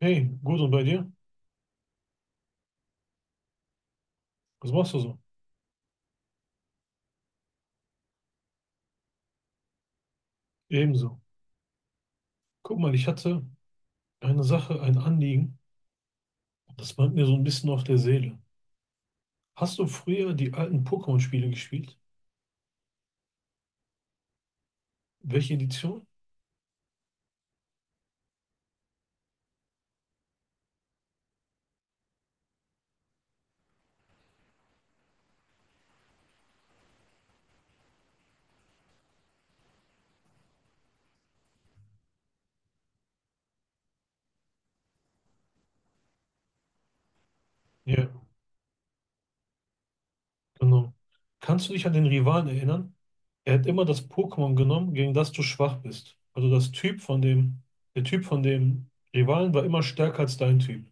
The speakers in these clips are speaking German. Hey, gut und bei dir? Was machst du so? Ebenso. Guck mal, ich hatte eine Sache, ein Anliegen, das brennt mir so ein bisschen auf der Seele. Hast du früher die alten Pokémon-Spiele gespielt? Welche Edition? Ja, genau. Kannst du dich an den Rivalen erinnern? Er hat immer das Pokémon genommen, gegen das du schwach bist. Also das Typ von dem, Der Typ von dem Rivalen war immer stärker als dein Typ.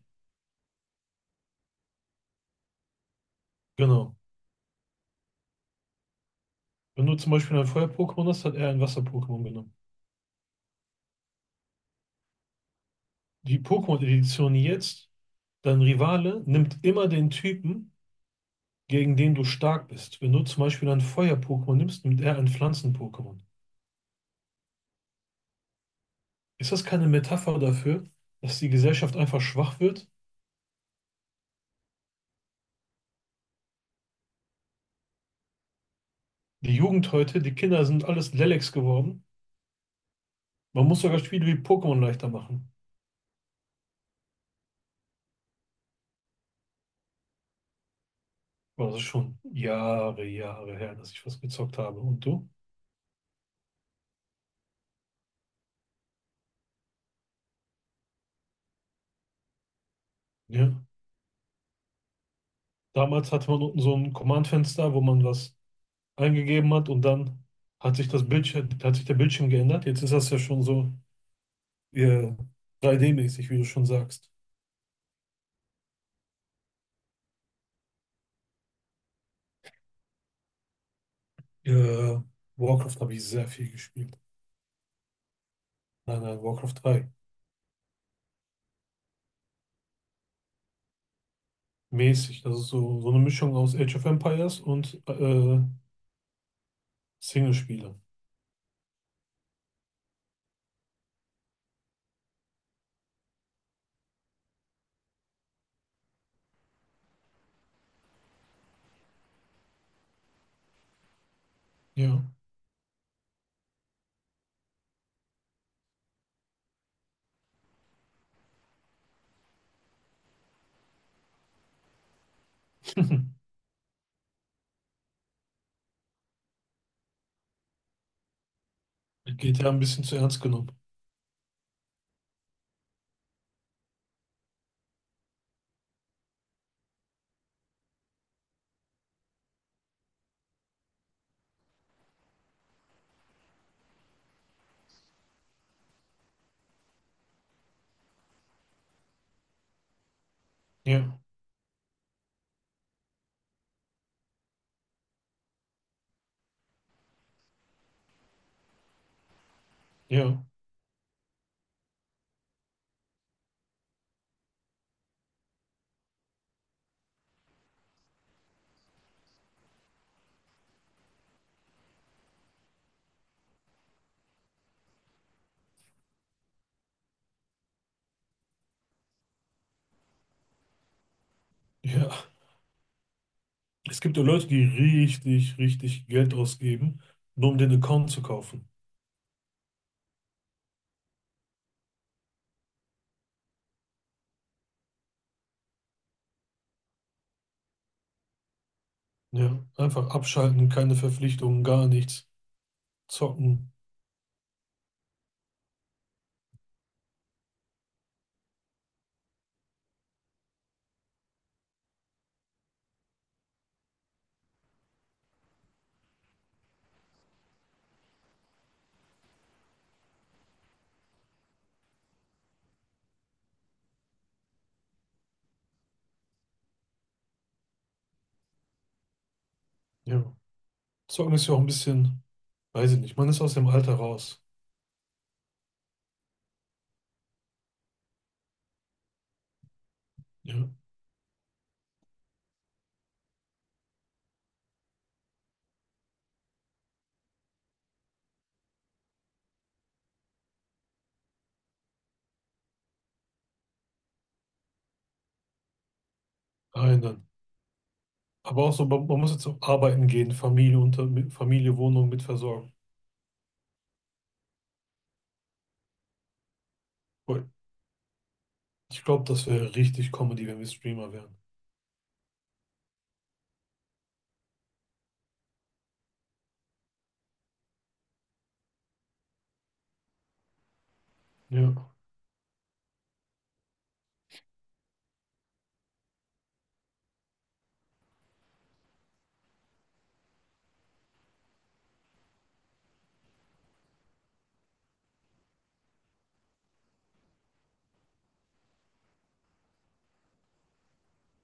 Genau. Wenn du zum Beispiel ein Feuer-Pokémon hast, hat er ein Wasser-Pokémon genommen. Die Pokémon-Edition jetzt, dein Rivale nimmt immer den Typen, gegen den du stark bist. Wenn du zum Beispiel ein Feuer-Pokémon nimmst, nimmt er ein Pflanzen-Pokémon. Ist das keine Metapher dafür, dass die Gesellschaft einfach schwach wird? Die Jugend heute, die Kinder sind alles Lelleks geworden. Man muss sogar Spiele wie Pokémon leichter machen. Aber das ist schon Jahre, Jahre her, dass ich was gezockt habe. Und du? Ja. Damals hatte man unten so ein Command-Fenster, wo man was eingegeben hat und dann hat sich der Bildschirm geändert. Jetzt ist das ja schon so äh, 3D-mäßig, wie du schon sagst. Äh, Warcraft habe ich sehr viel gespielt. Nein, nein, Warcraft 3. Mäßig. Das ist so, so eine Mischung aus Age of Empires und Singlespiele. Ja. Mit GTA ein bisschen zu ernst genommen. Ja, ja, ja. Es gibt ja Leute, die richtig, richtig Geld ausgeben, nur um den Account zu kaufen. Ja, einfach abschalten, keine Verpflichtungen, gar nichts zocken. Ja. Zocken ist ja auch ein bisschen, weiß ich nicht, man ist aus dem Alter raus. Ja. Einen. Aber auch so, man muss jetzt auch arbeiten gehen, Familie unter, mit Familie, Wohnung mit versorgen. Boah, ich glaube, das wäre richtig Comedy, wenn wir Streamer wären. Ja.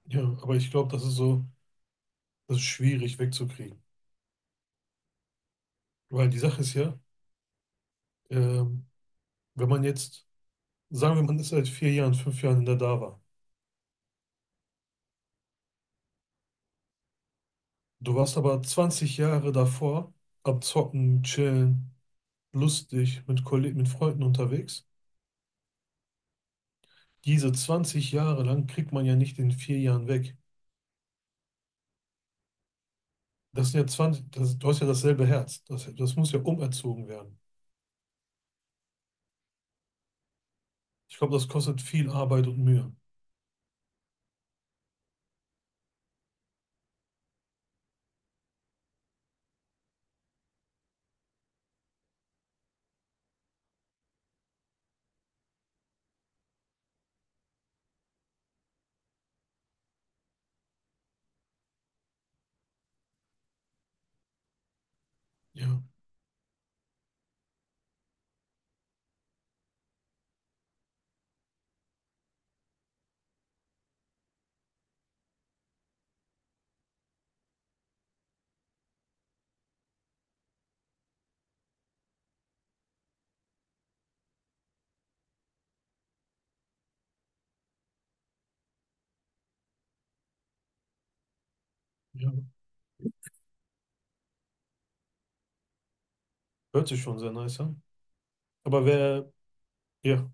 Ja, aber ich glaube, das ist so, das ist schwierig wegzukriegen. Weil die Sache ist ja, ähm, wenn man jetzt, sagen wir, man ist seit 4 Jahren, 5 Jahren in der DAWA. Du warst aber 20 Jahre davor am Zocken, Chillen, lustig, mit Kollegen, mit Freunden unterwegs. Diese 20 Jahre lang kriegt man ja nicht in 4 Jahren weg. Das sind ja 20, das, du hast ja dasselbe Herz. Das, das muss ja umerzogen werden. Ich glaube, das kostet viel Arbeit und Mühe. Ja, ja. Hört sich schon sehr nice an. Aber wer, ja,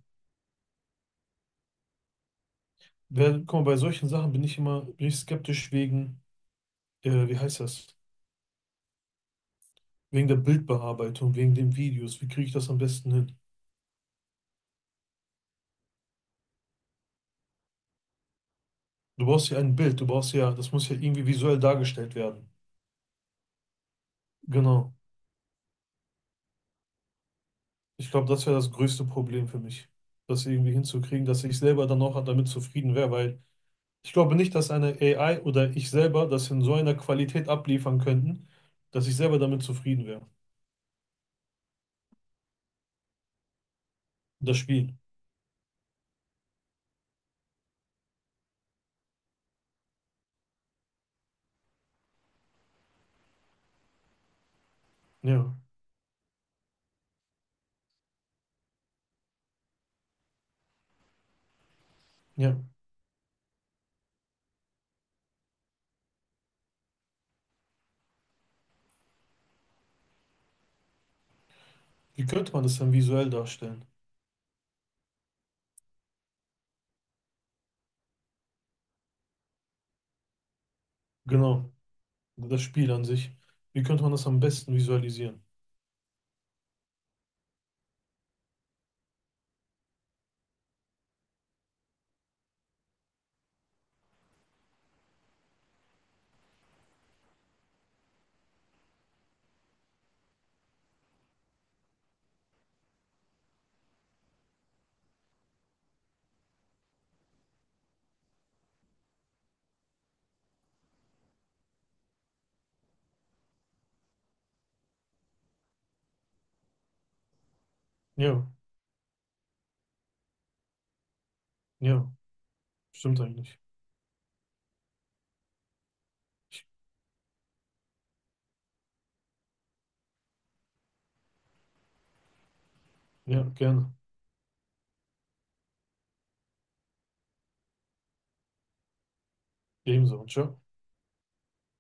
guck mal, bei solchen Sachen bin ich skeptisch wegen, wie heißt das? Wegen der Bildbearbeitung, wegen den Videos. Wie kriege ich das am besten hin? Du brauchst ja ein Bild, das muss ja irgendwie visuell dargestellt werden. Genau. Ich glaube, das wäre das größte Problem für mich, das irgendwie hinzukriegen, dass ich selber dann auch damit zufrieden wäre, weil ich glaube nicht, dass eine AI oder ich selber das in so einer Qualität abliefern könnten, dass ich selber damit zufrieden wäre. Das Spiel. Ja, ja. Wie könnte man das dann visuell darstellen? Genau, das Spiel an sich. Wie könnte man das am besten visualisieren? Ja, ja, stimmt eigentlich. Ja, gerne. Ebenso. Ciao.